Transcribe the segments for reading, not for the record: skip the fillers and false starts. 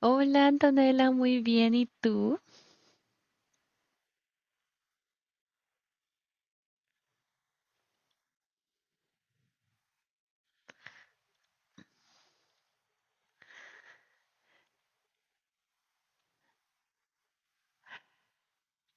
Hola Antonella, muy bien. ¿Y tú?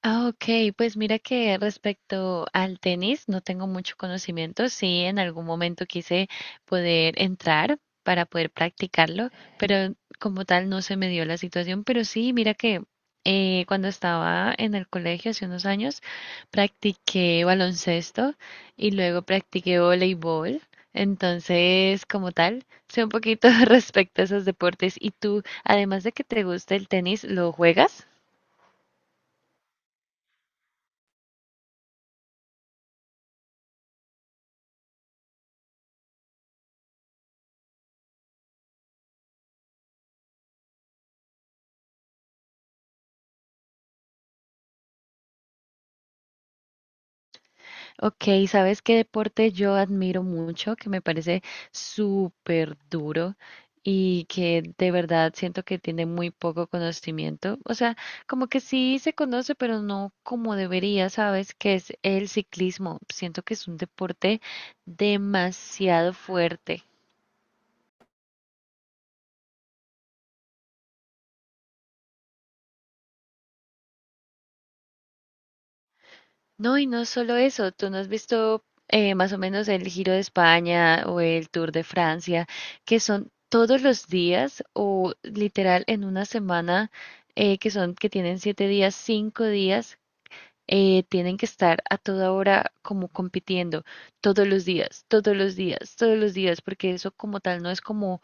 Ah, ok, pues mira que respecto al tenis no tengo mucho conocimiento. Sí, en algún momento quise poder entrar para poder practicarlo, pero como tal no se me dio la situación. Pero sí, mira que cuando estaba en el colegio hace unos años, practiqué baloncesto y luego practiqué voleibol. Entonces, como tal, sé un poquito respecto a esos deportes. ¿Y tú, además de que te gusta el tenis, lo juegas? Ok, ¿sabes qué deporte yo admiro mucho, que me parece súper duro y que de verdad siento que tiene muy poco conocimiento? O sea, como que sí se conoce, pero no como debería, ¿sabes? Que es el ciclismo. Siento que es un deporte demasiado fuerte. No, y no solo eso, tú no has visto más o menos el Giro de España o el Tour de Francia, que son todos los días o literal en una semana, que tienen 7 días, 5 días, tienen que estar a toda hora como compitiendo, todos los días, todos los días, todos los días, porque eso como tal no es como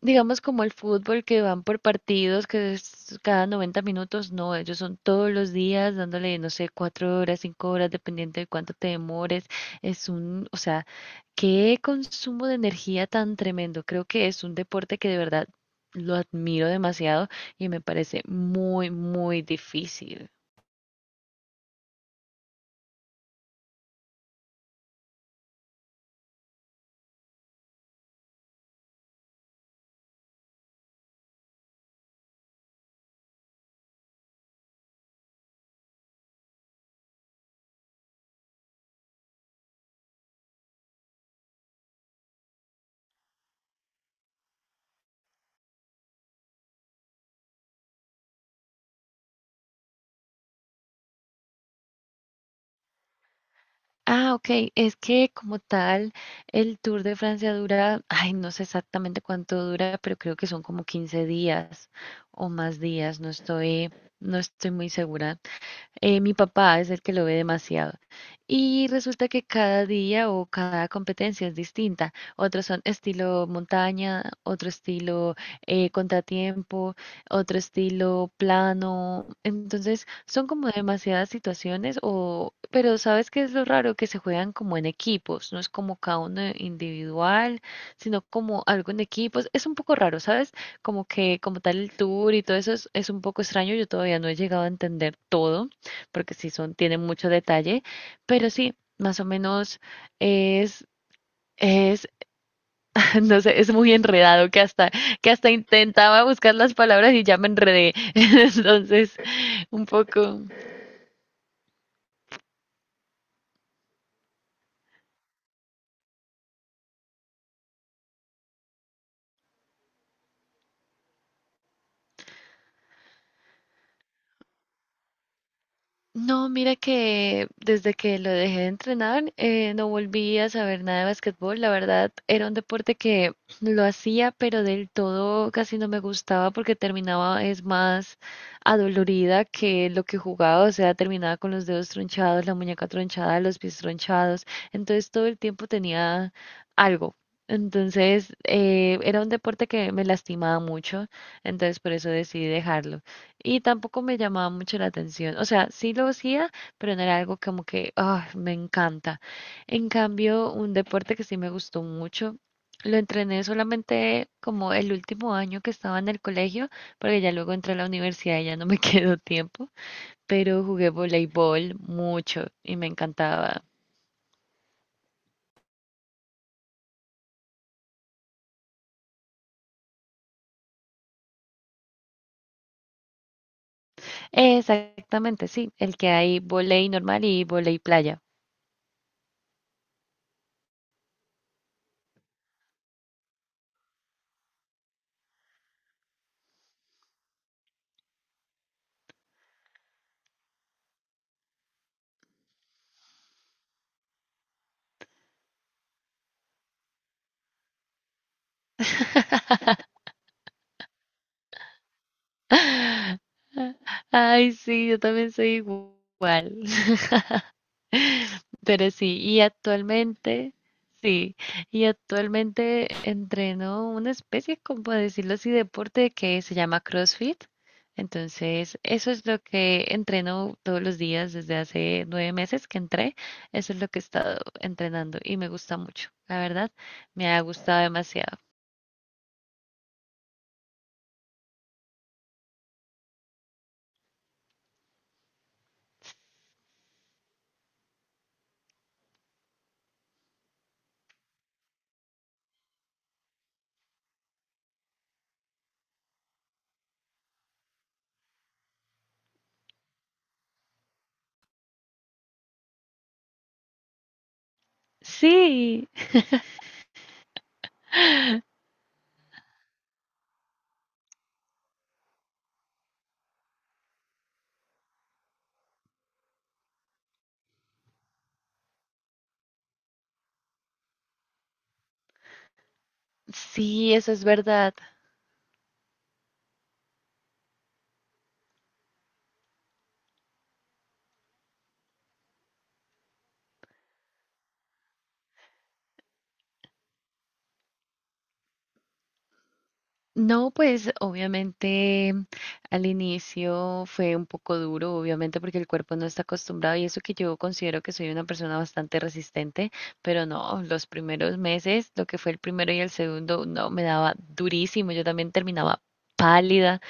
digamos como el fútbol que van por partidos, que es cada 90 minutos. No, ellos son todos los días dándole, no sé, 4 horas, 5 horas, dependiendo de cuánto te demores. O sea, qué consumo de energía tan tremendo. Creo que es un deporte que de verdad lo admiro demasiado y me parece muy, muy difícil. Ah, ok. Es que como tal, el Tour de Francia dura, ay, no sé exactamente cuánto dura, pero creo que son como 15 días o más días. No estoy, no estoy muy segura. Mi papá es el que lo ve demasiado. Y resulta que cada día o cada competencia es distinta. Otros son estilo montaña, otro estilo contratiempo, otro estilo plano. Entonces, son como demasiadas situaciones o, pero ¿sabes qué es lo raro? Que se juegan como en equipos, no es como cada uno individual, sino como algo en equipos. Es un poco raro, ¿sabes? Como que como tal el tour y todo eso es un poco extraño. Yo todavía no he llegado a entender todo porque sí son, tienen mucho detalle, pero sí, más o menos es, es, no sé, es muy enredado que hasta intentaba buscar las palabras y ya me enredé. Entonces, un poco. No, mira que desde que lo dejé de entrenar, no volví a saber nada de básquetbol. La verdad, era un deporte que lo hacía, pero del todo casi no me gustaba porque terminaba es más adolorida que lo que jugaba. O sea, terminaba con los dedos tronchados, la muñeca tronchada, los pies tronchados. Entonces todo el tiempo tenía algo. Entonces, era un deporte que me lastimaba mucho. Entonces, por eso decidí dejarlo. Y tampoco me llamaba mucho la atención. O sea, sí lo hacía, pero no era algo como que, ah, me encanta. En cambio, un deporte que sí me gustó mucho, lo entrené solamente como el último año que estaba en el colegio, porque ya luego entré a la universidad y ya no me quedó tiempo, pero jugué voleibol mucho y me encantaba. Exactamente, sí, el que hay volei normal y volei playa. Ay, sí, yo también soy igual. Pero sí, y actualmente, sí, y actualmente entreno una especie, como decirlo así, deporte que se llama CrossFit. Entonces, eso es lo que entreno todos los días desde hace 9 meses que entré. Eso es lo que he estado entrenando y me gusta mucho. La verdad, me ha gustado demasiado. Sí, sí, eso es verdad. No, pues obviamente al inicio fue un poco duro, obviamente porque el cuerpo no está acostumbrado y eso que yo considero que soy una persona bastante resistente, pero no, los primeros meses, lo que fue el primero y el segundo, no, me daba durísimo. Yo también terminaba pálida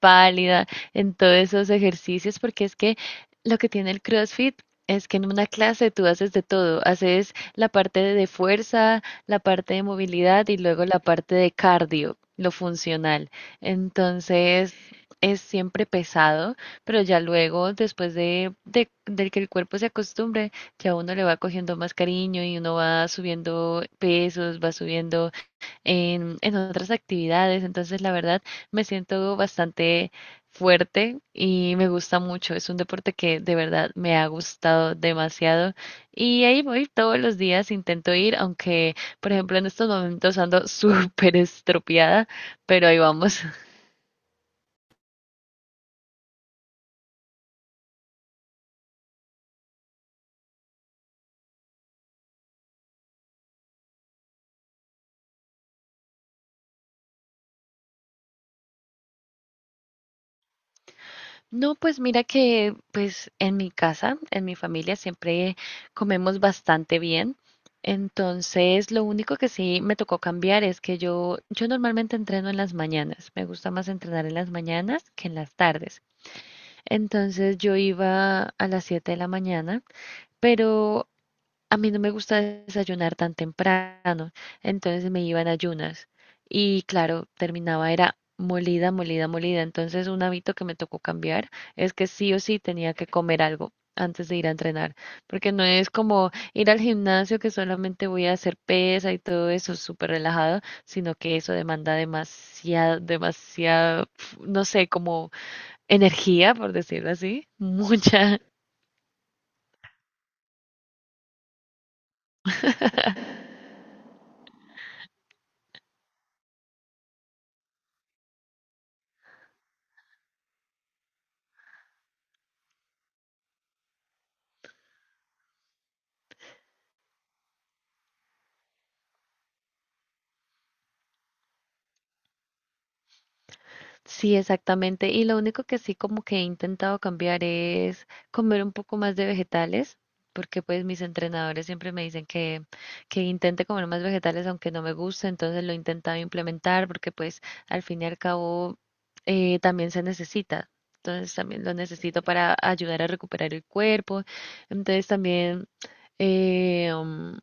pálida, en todos esos ejercicios, porque es que lo que tiene el CrossFit es que en una clase tú haces de todo, haces la parte de fuerza, la parte de movilidad y luego la parte de cardio, lo funcional. Entonces es siempre pesado, pero ya luego, después de que el cuerpo se acostumbre, ya uno le va cogiendo más cariño y uno va subiendo pesos, va subiendo en otras actividades. Entonces, la verdad, me siento bastante fuerte y me gusta mucho. Es un deporte que de verdad me ha gustado demasiado y ahí voy todos los días, intento ir, aunque, por ejemplo, en estos momentos ando súper estropeada, pero ahí vamos. No, pues mira que pues en mi casa, en mi familia siempre comemos bastante bien. Entonces, lo único que sí me tocó cambiar es que yo normalmente entreno en las mañanas. Me gusta más entrenar en las mañanas que en las tardes. Entonces, yo iba a las 7 de la mañana, pero a mí no me gusta desayunar tan temprano, entonces me iba en ayunas y claro, terminaba era molida, molida, molida. Entonces un hábito que me tocó cambiar es que sí o sí tenía que comer algo antes de ir a entrenar, porque no es como ir al gimnasio que solamente voy a hacer pesa y todo eso súper relajado, sino que eso demanda demasiado, demasiado, no sé, como energía, por decirlo así, mucha. Sí, exactamente. Y lo único que sí como que he intentado cambiar es comer un poco más de vegetales, porque pues mis entrenadores siempre me dicen que intente comer más vegetales aunque no me guste, entonces lo he intentado implementar porque pues al fin y al cabo también se necesita. Entonces también lo necesito para ayudar a recuperar el cuerpo. Entonces también... em,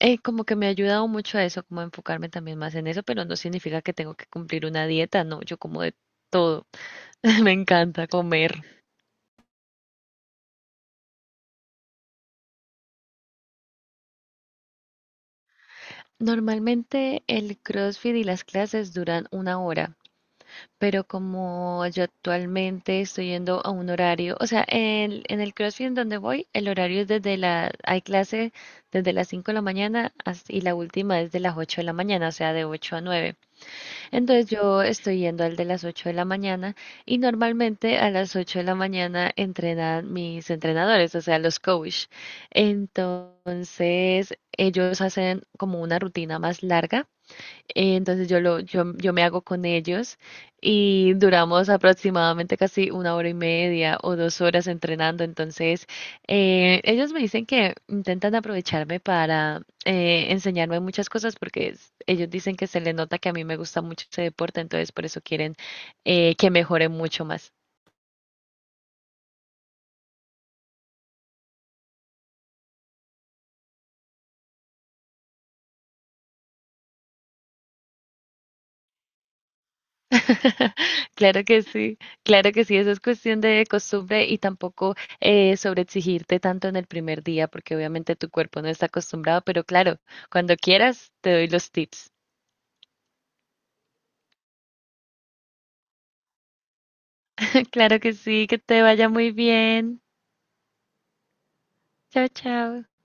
como que me ha ayudado mucho a eso, como a enfocarme también más en eso, pero no significa que tengo que cumplir una dieta, no, yo como de todo, me encanta comer. Normalmente el CrossFit y las clases duran 1 hora, pero como yo actualmente estoy yendo a un horario, o sea, en el CrossFit en donde voy, el horario es hay clase desde las 5 de la mañana y la última es de las 8 de la mañana, o sea, de 8 a 9. Entonces yo estoy yendo al de las 8 de la mañana y normalmente a las 8 de la mañana entrenan mis entrenadores, o sea, los coach. Entonces ellos hacen como una rutina más larga. Entonces yo me hago con ellos y duramos aproximadamente casi 1 hora y media o 2 horas entrenando. Entonces ellos me dicen que intentan aprovecharme para enseñarme muchas cosas porque ellos dicen que se le nota que a mí me gusta mucho ese deporte, entonces por eso quieren que mejore mucho más. Claro que sí, eso es cuestión de costumbre y tampoco sobreexigirte tanto en el primer día, porque obviamente tu cuerpo no está acostumbrado, pero claro, cuando quieras te doy los tips. Claro que sí, que te vaya muy bien. Chao, chao.